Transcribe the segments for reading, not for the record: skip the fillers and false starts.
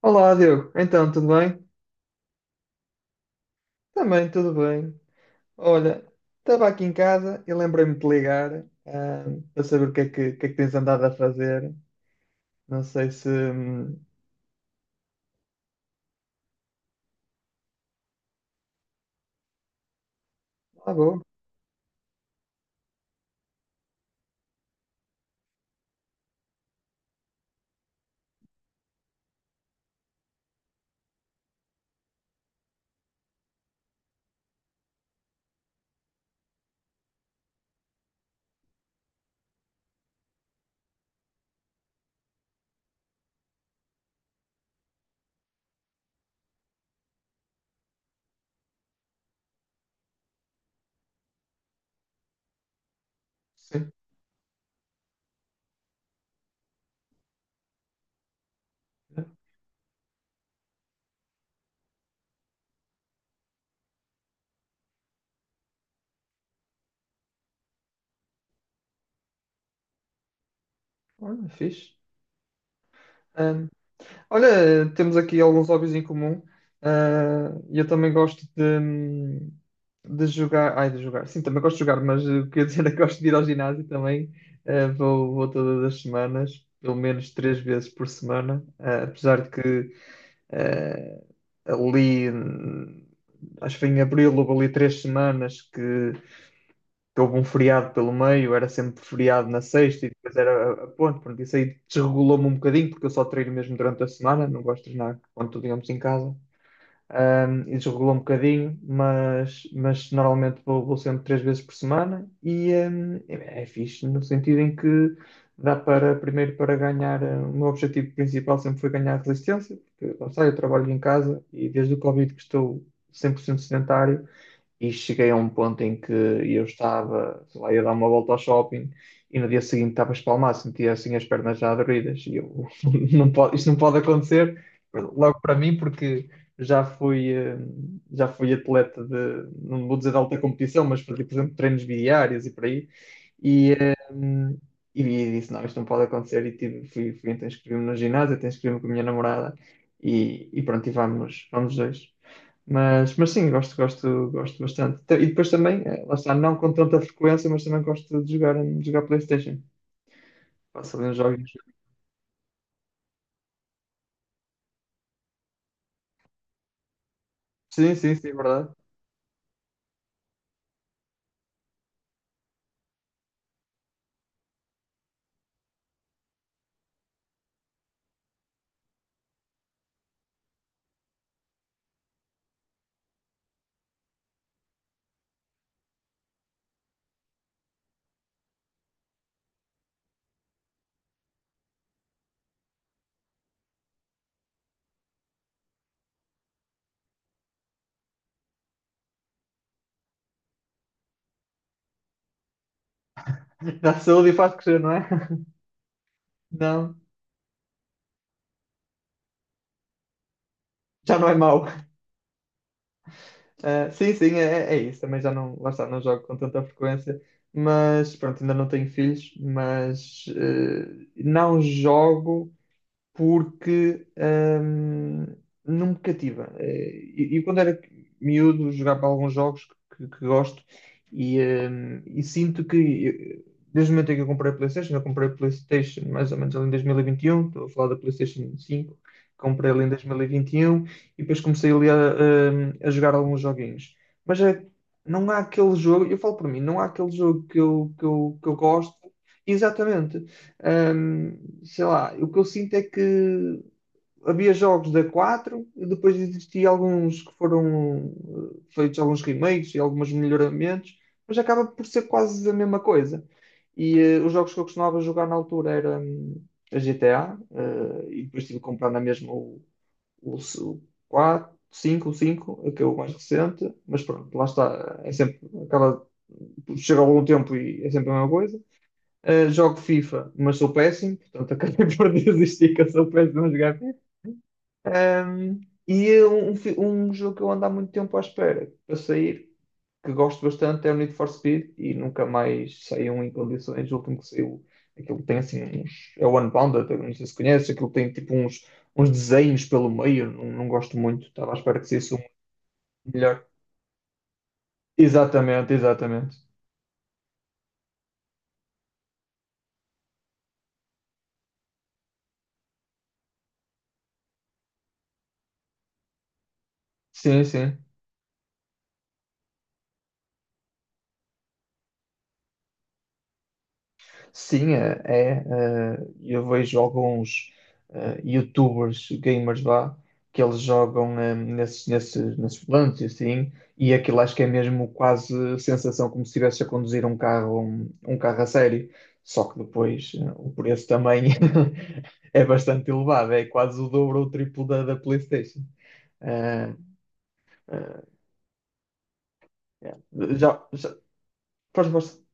Olá, Diogo. Então, tudo bem? Também, tudo bem. Olha, estava aqui em casa e lembrei-me de te ligar, para saber o que é que tens andado a fazer. Não sei se. Ah, boa. Sim. Olha, fixe. Olha, temos aqui alguns hobbies em comum. Ah, eu também gosto de jogar. Ai, de jogar. Sim, também gosto de jogar, mas quer dizer, é que gosto de ir ao ginásio também. Ah, vou todas as semanas, pelo menos três vezes por semana. Ah, apesar de que ali, acho que foi em abril, houve ali três semanas que houve um feriado pelo meio, era sempre feriado na sexta e depois era a ponte. Pronto, isso aí desregulou-me um bocadinho, porque eu só treino mesmo durante a semana, não gosto de treinar quando estou, digamos, em casa. E desregulou um bocadinho, mas normalmente vou sempre três vezes por semana e é fixe no sentido em que dá para, primeiro, para ganhar. O meu objetivo principal sempre foi ganhar resistência, porque lá está, eu trabalho em casa e desde o Covid que estou 100% sedentário e cheguei a um ponto em que eu estava, sei lá, ia dar uma volta ao shopping. E no dia seguinte estava espalmado, sentia assim as pernas já doloridas. E eu, não pode, isto não pode acontecer, logo para mim, porque já fui, eh, já fui atleta de, não vou dizer de alta competição, mas fazia, por exemplo, treinos bidiários e por aí. E, eh, e disse, não, isto não pode acontecer. E fui então inscrevi-me no ginásio, até inscrevi-me com a minha namorada. E pronto, e vamos dois. Mas sim, gosto, gosto, gosto bastante. Então, e depois também, lá está, não com tanta frequência, mas também gosto de jogar PlayStation. Faço ali uns jogos. Sim, sim, sim, é verdade. Dá saúde e faz crescer, não é? Não, já não é mau. Ah, sim, sim, é isso. Também já não, lá está, não jogo com tanta frequência, mas pronto, ainda não tenho filhos, mas não jogo porque hum, não me cativa. E quando era miúdo, jogava alguns jogos que gosto e sinto que desde o momento em que eu comprei a PlayStation, eu comprei a PlayStation mais ou menos ali em 2021, estou a falar da PlayStation 5, comprei ali em 2021 e 21 e depois comecei ali a jogar alguns joguinhos. Mas não há aquele jogo, eu falo por mim, não há aquele jogo que eu gosto. Exatamente. Hum, Sei lá, o que eu sinto é que havia jogos da 4 e depois existia alguns que foram feitos alguns remakes e alguns melhoramentos, mas acaba por ser quase a mesma coisa. E os jogos que eu costumava jogar na altura era a GTA, e depois tive que comprar na mesma o 4, 5, o 5 que é o mais recente, mas pronto, lá está, é sempre, acaba, chega algum tempo e é sempre a mesma coisa. Jogo FIFA, mas sou péssimo, portanto acabei por desistir que eu sou péssimo a jogar FIFA. Um, e um jogo que eu ando há muito tempo à espera para sair, que gosto bastante, é o Need for Speed e nunca mais saiu em condições. O último que saiu, aquilo tem assim uns. É o Unbounded, eu não sei se conheces, aquilo tem tipo uns desenhos pelo meio, não, não gosto muito, estava à espera que saísse um melhor. Exatamente, exatamente. Sim, sim. Sim, é. Eu vejo alguns YouTubers, gamers lá, que eles jogam nesses volantes e assim, e aquilo acho que é mesmo quase sensação como se estivesse a conduzir um carro, um carro a sério. Só que depois o preço também é bastante elevado, é quase o dobro ou o triplo da PlayStation. Eh, eh, yeah. Já, já, pois, pois.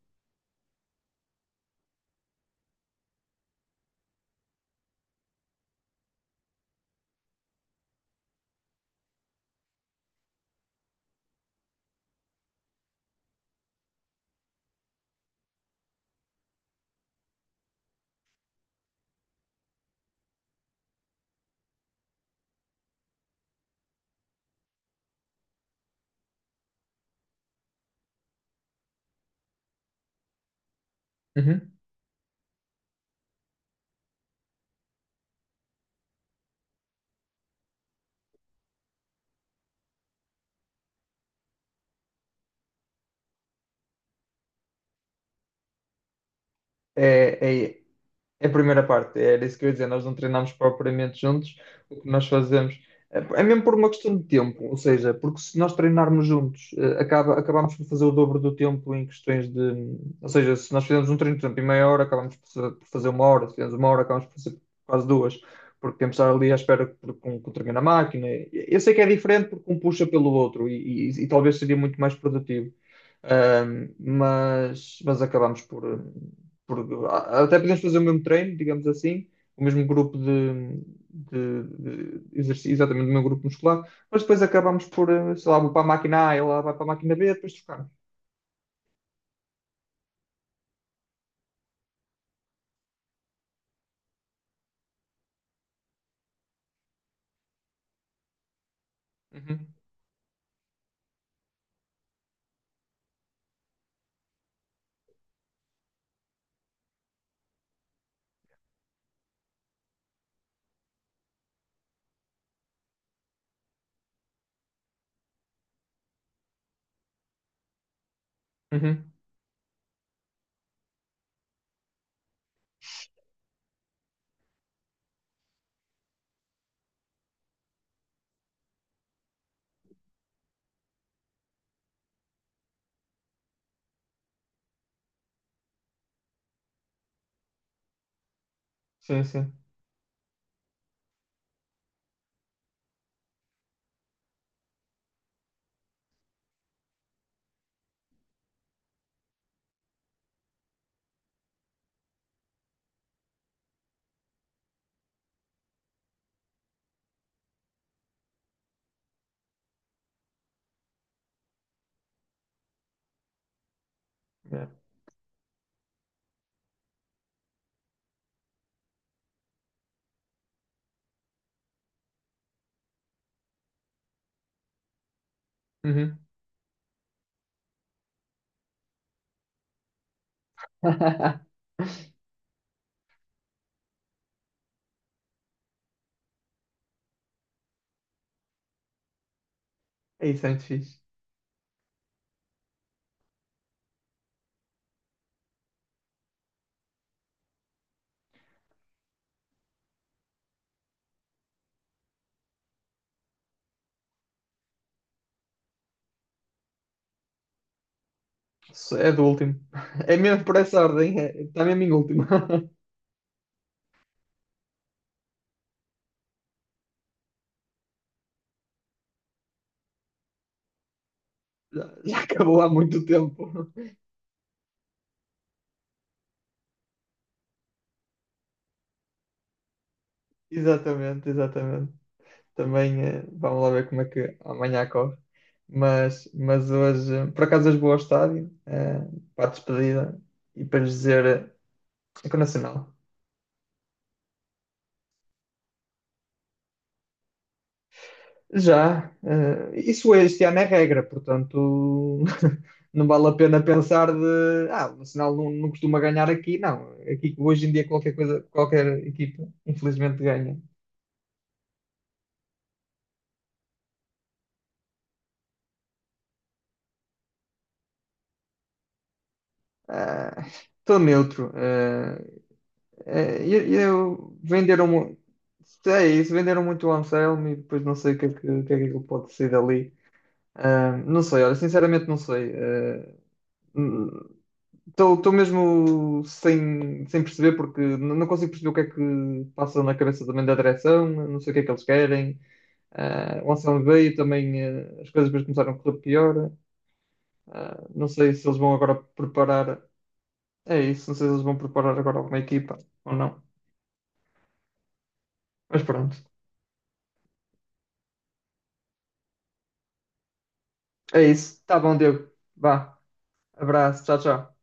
Uhum. É, é, É a primeira parte, era isso que eu ia dizer. Nós não treinamos propriamente juntos. O que nós fazemos é mesmo por uma questão de tempo, ou seja, porque se nós treinarmos juntos, acabamos por fazer o dobro do tempo em questões de. Ou seja, se nós fizemos um treino, por exemplo, em meia hora, acabamos por fazer uma hora, se fizemos uma hora, acabamos por fazer quase duas, porque temos de estar ali à espera que, com o treino na máquina. Eu sei que é diferente porque um puxa pelo outro e talvez seria muito mais produtivo. Mas acabamos por, porque até podemos fazer o mesmo treino, digamos assim, o mesmo grupo de exercício, exatamente o mesmo grupo muscular, mas depois acabamos por, sei lá, vou para a máquina A, ela vai para a máquina B, depois trocamos. Uhum, uhum, sim, sim. Yeah. Uhum. É isso, é muito fixe. Isso é do último. É mesmo por essa ordem, é, está mesmo em último. Já, já acabou há muito tempo. Exatamente, exatamente. Também vamos lá ver como é que amanhã corre. Mas hoje, por acaso, hoje vou ao estádio para a despedida e para lhes dizer é com o Nacional. Já, isso este ano é regra, portanto não vale a pena pensar de ah, o Nacional não costuma ganhar aqui, não. Aqui hoje em dia qualquer coisa, qualquer equipa, infelizmente, ganha. Eh, Estou neutro. É. E eu, venderam, é isso, venderam muito o Anselmo e depois não sei o que é que, é que ele pode ser dali. Ah, não sei, olha, sinceramente não sei. Estou mesmo sem perceber porque não consigo perceber o que é que passa na cabeça também da direção, não sei o que é que eles querem. Ah, o Anselmo veio também, as coisas depois começaram a correr pior. Ah, não sei se eles vão agora preparar, é isso, não sei se eles vão preparar agora alguma equipa ou não. Mas pronto. É isso. Tá bom, Diego. Vá. Abraço. Tchau, tchau.